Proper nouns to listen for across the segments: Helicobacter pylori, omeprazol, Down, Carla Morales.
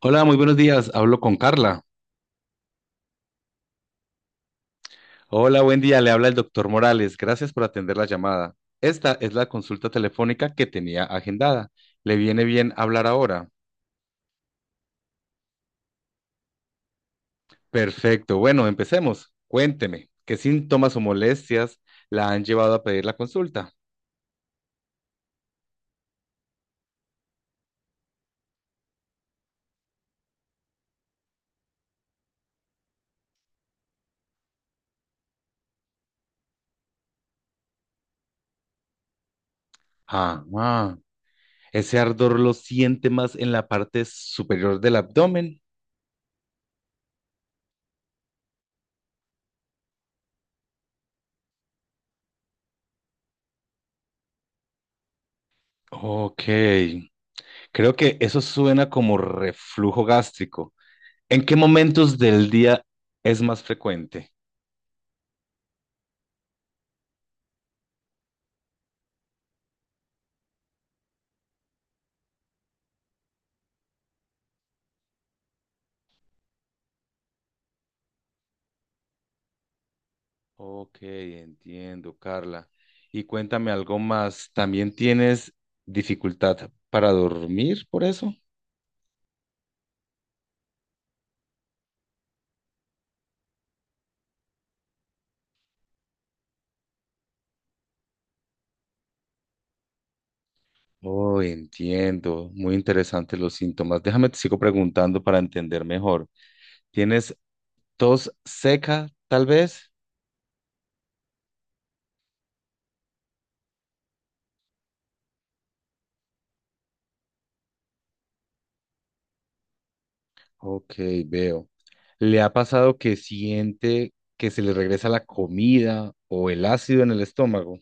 Hola, muy buenos días. Hablo con Carla. Hola, buen día. Le habla el doctor Morales. Gracias por atender la llamada. Esta es la consulta telefónica que tenía agendada. ¿Le viene bien hablar ahora? Perfecto. Bueno, empecemos. Cuénteme, ¿qué síntomas o molestias la han llevado a pedir la consulta? Ah, ah. Ese ardor lo siente más en la parte superior del abdomen. Ok, creo que eso suena como reflujo gástrico. ¿En qué momentos del día es más frecuente? Ok, entiendo, Carla. Y cuéntame algo más. ¿También tienes dificultad para dormir por eso? Oh, entiendo. Muy interesantes los síntomas. Déjame te sigo preguntando para entender mejor. ¿Tienes tos seca, tal vez? Ok, veo. ¿Le ha pasado que siente que se le regresa la comida o el ácido en el estómago?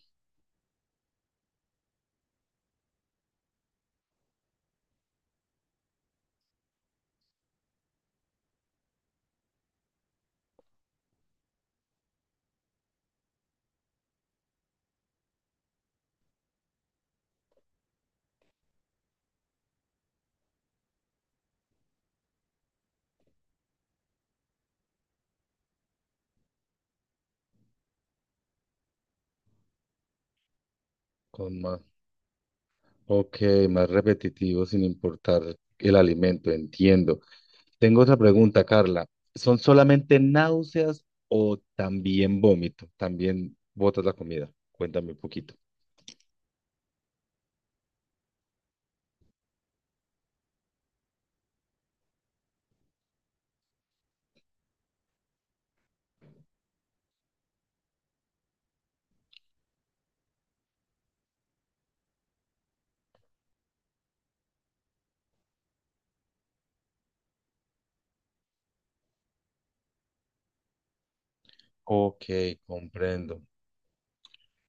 Con más. Ok, más repetitivo sin importar el alimento, entiendo. Tengo otra pregunta, Carla. ¿Son solamente náuseas o también vómito? También botas la comida. Cuéntame un poquito. Ok, comprendo.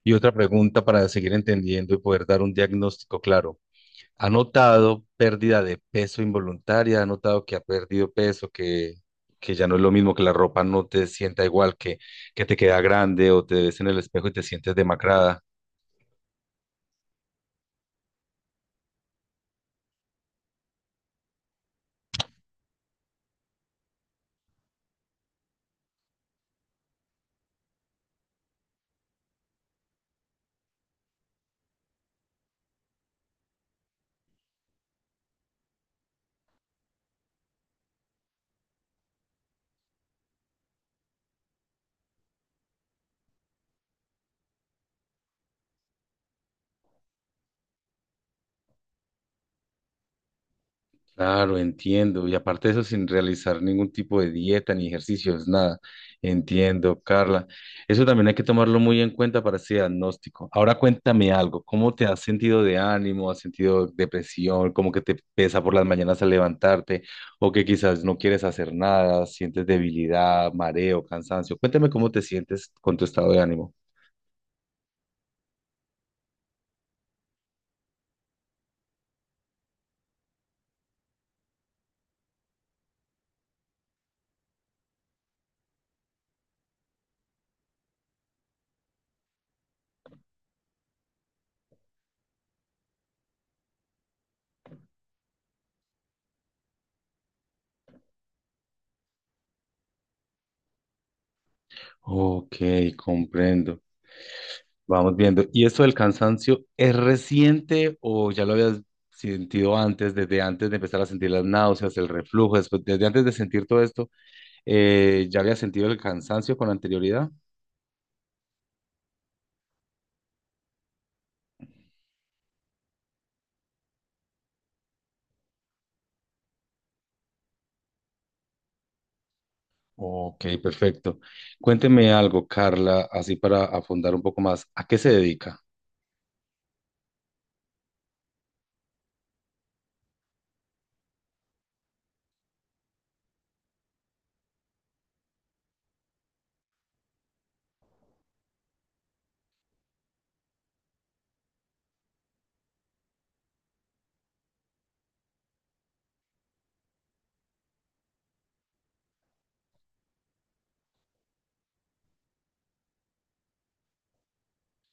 Y otra pregunta para seguir entendiendo y poder dar un diagnóstico claro. ¿Ha notado pérdida de peso involuntaria? ¿Ha notado que ha perdido peso, que ya no es lo mismo, que la ropa no te sienta igual, que te queda grande o te ves en el espejo y te sientes demacrada? Claro, entiendo. Y aparte de eso, sin realizar ningún tipo de dieta ni ejercicios, nada. Entiendo, Carla. Eso también hay que tomarlo muy en cuenta para ese diagnóstico. Ahora cuéntame algo. ¿Cómo te has sentido de ánimo? ¿Has sentido depresión? ¿Cómo que te pesa por las mañanas al levantarte? ¿O que quizás no quieres hacer nada? ¿Sientes debilidad, mareo, cansancio? Cuéntame cómo te sientes con tu estado de ánimo. Ok, comprendo. Vamos viendo. ¿Y esto del cansancio es reciente o ya lo habías sentido antes, desde antes de empezar a sentir las náuseas, el reflujo, después, desde antes de sentir todo esto, ya habías sentido el cansancio con anterioridad? Ok, perfecto. Cuénteme algo, Carla, así para afundar un poco más. ¿A qué se dedica?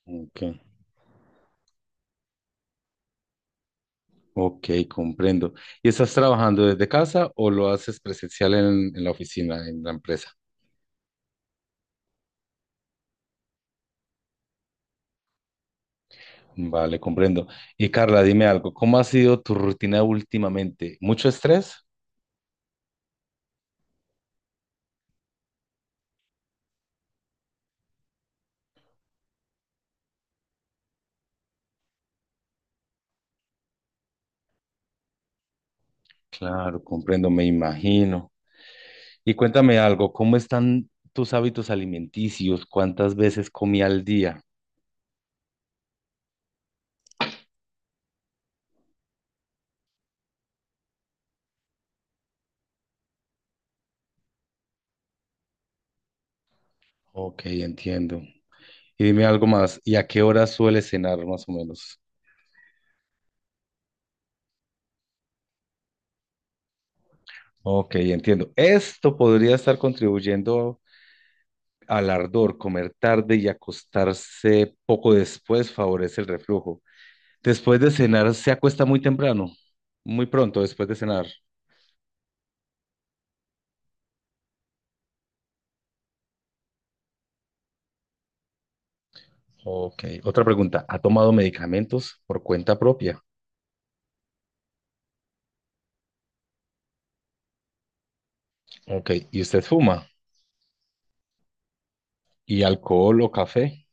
Ok, ok, comprendo. ¿Y estás trabajando desde casa o lo haces presencial en la oficina, en la empresa? Vale, comprendo. Y Carla, dime algo, ¿cómo ha sido tu rutina últimamente? ¿Mucho estrés? Claro, comprendo, me imagino. Y cuéntame algo, ¿cómo están tus hábitos alimenticios? ¿Cuántas veces comí al día? Ok, entiendo. Y dime algo más, ¿y a qué hora sueles cenar más o menos? Ok, entiendo. Esto podría estar contribuyendo al ardor, comer tarde y acostarse poco después favorece el reflujo. Después de cenar, se acuesta muy temprano, muy pronto después de cenar. Ok, otra pregunta. ¿Ha tomado medicamentos por cuenta propia? Ok, ¿y usted fuma? ¿Y alcohol o café?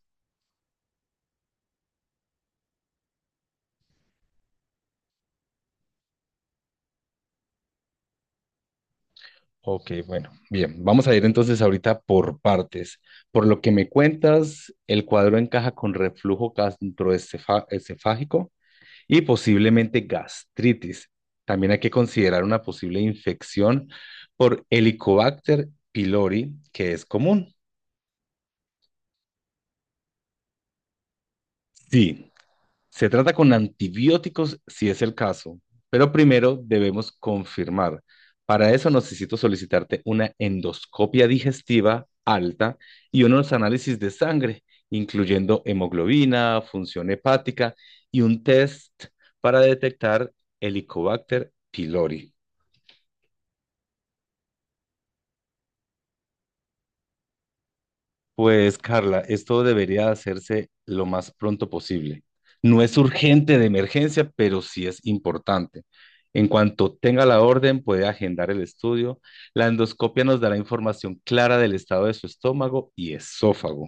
Ok, bueno, bien. Vamos a ir entonces ahorita por partes. Por lo que me cuentas, el cuadro encaja con reflujo gastroesofágico y posiblemente gastritis. También hay que considerar una posible infección por Helicobacter pylori, que es común. Sí, se trata con antibióticos si es el caso, pero primero debemos confirmar. Para eso necesito solicitarte una endoscopia digestiva alta y unos análisis de sangre, incluyendo hemoglobina, función hepática y un test para detectar Helicobacter pylori. Pues Carla, esto debería hacerse lo más pronto posible. No es urgente de emergencia, pero sí es importante. En cuanto tenga la orden, puede agendar el estudio. La endoscopia nos dará información clara del estado de su estómago y esófago.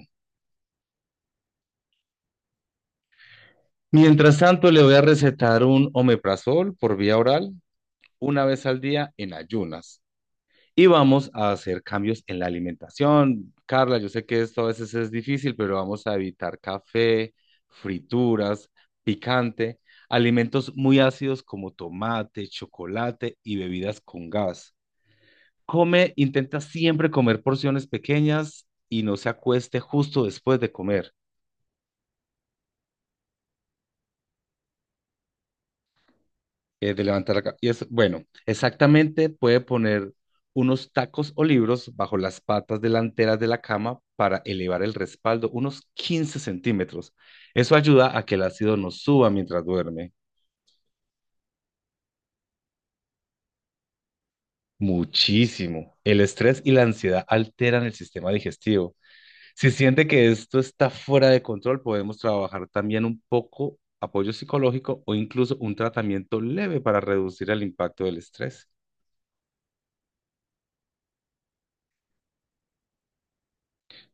Mientras tanto, le voy a recetar un omeprazol por vía oral una vez al día en ayunas. Y vamos a hacer cambios en la alimentación. Carla, yo sé que esto a veces es difícil, pero vamos a evitar café, frituras, picante, alimentos muy ácidos como tomate, chocolate y bebidas con gas. Come, intenta siempre comer porciones pequeñas y no se acueste justo después de comer. De levantar la ca- Y es, bueno, exactamente puede poner unos tacos o libros bajo las patas delanteras de la cama para elevar el respaldo unos 15 cm. Eso ayuda a que el ácido no suba mientras duerme. Muchísimo. El estrés y la ansiedad alteran el sistema digestivo. Si siente que esto está fuera de control, podemos trabajar también un poco apoyo psicológico o incluso un tratamiento leve para reducir el impacto del estrés.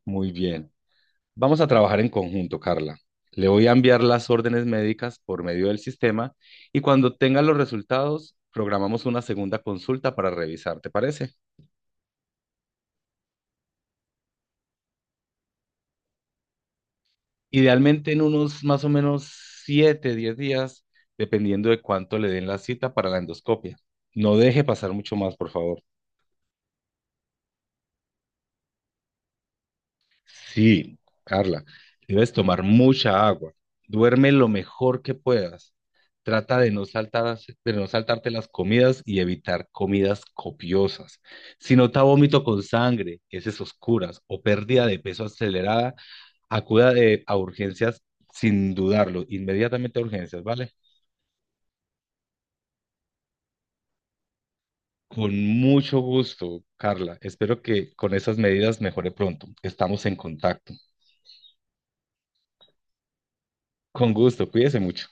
Muy bien. Vamos a trabajar en conjunto, Carla. Le voy a enviar las órdenes médicas por medio del sistema y cuando tenga los resultados, programamos una segunda consulta para revisar, ¿te parece? Idealmente en unos más o menos 7, 10 días, dependiendo de cuánto le den la cita para la endoscopia. No deje pasar mucho más, por favor. Sí, Carla, si debes tomar mucha agua. Duerme lo mejor que puedas. Trata de no saltar, de no saltarte las comidas y evitar comidas copiosas. Si nota vómito con sangre, heces oscuras o pérdida de peso acelerada, a urgencias sin dudarlo, inmediatamente a urgencias, ¿vale? Con mucho gusto, Carla. Espero que con esas medidas mejore pronto. Estamos en contacto. Con gusto, cuídese mucho.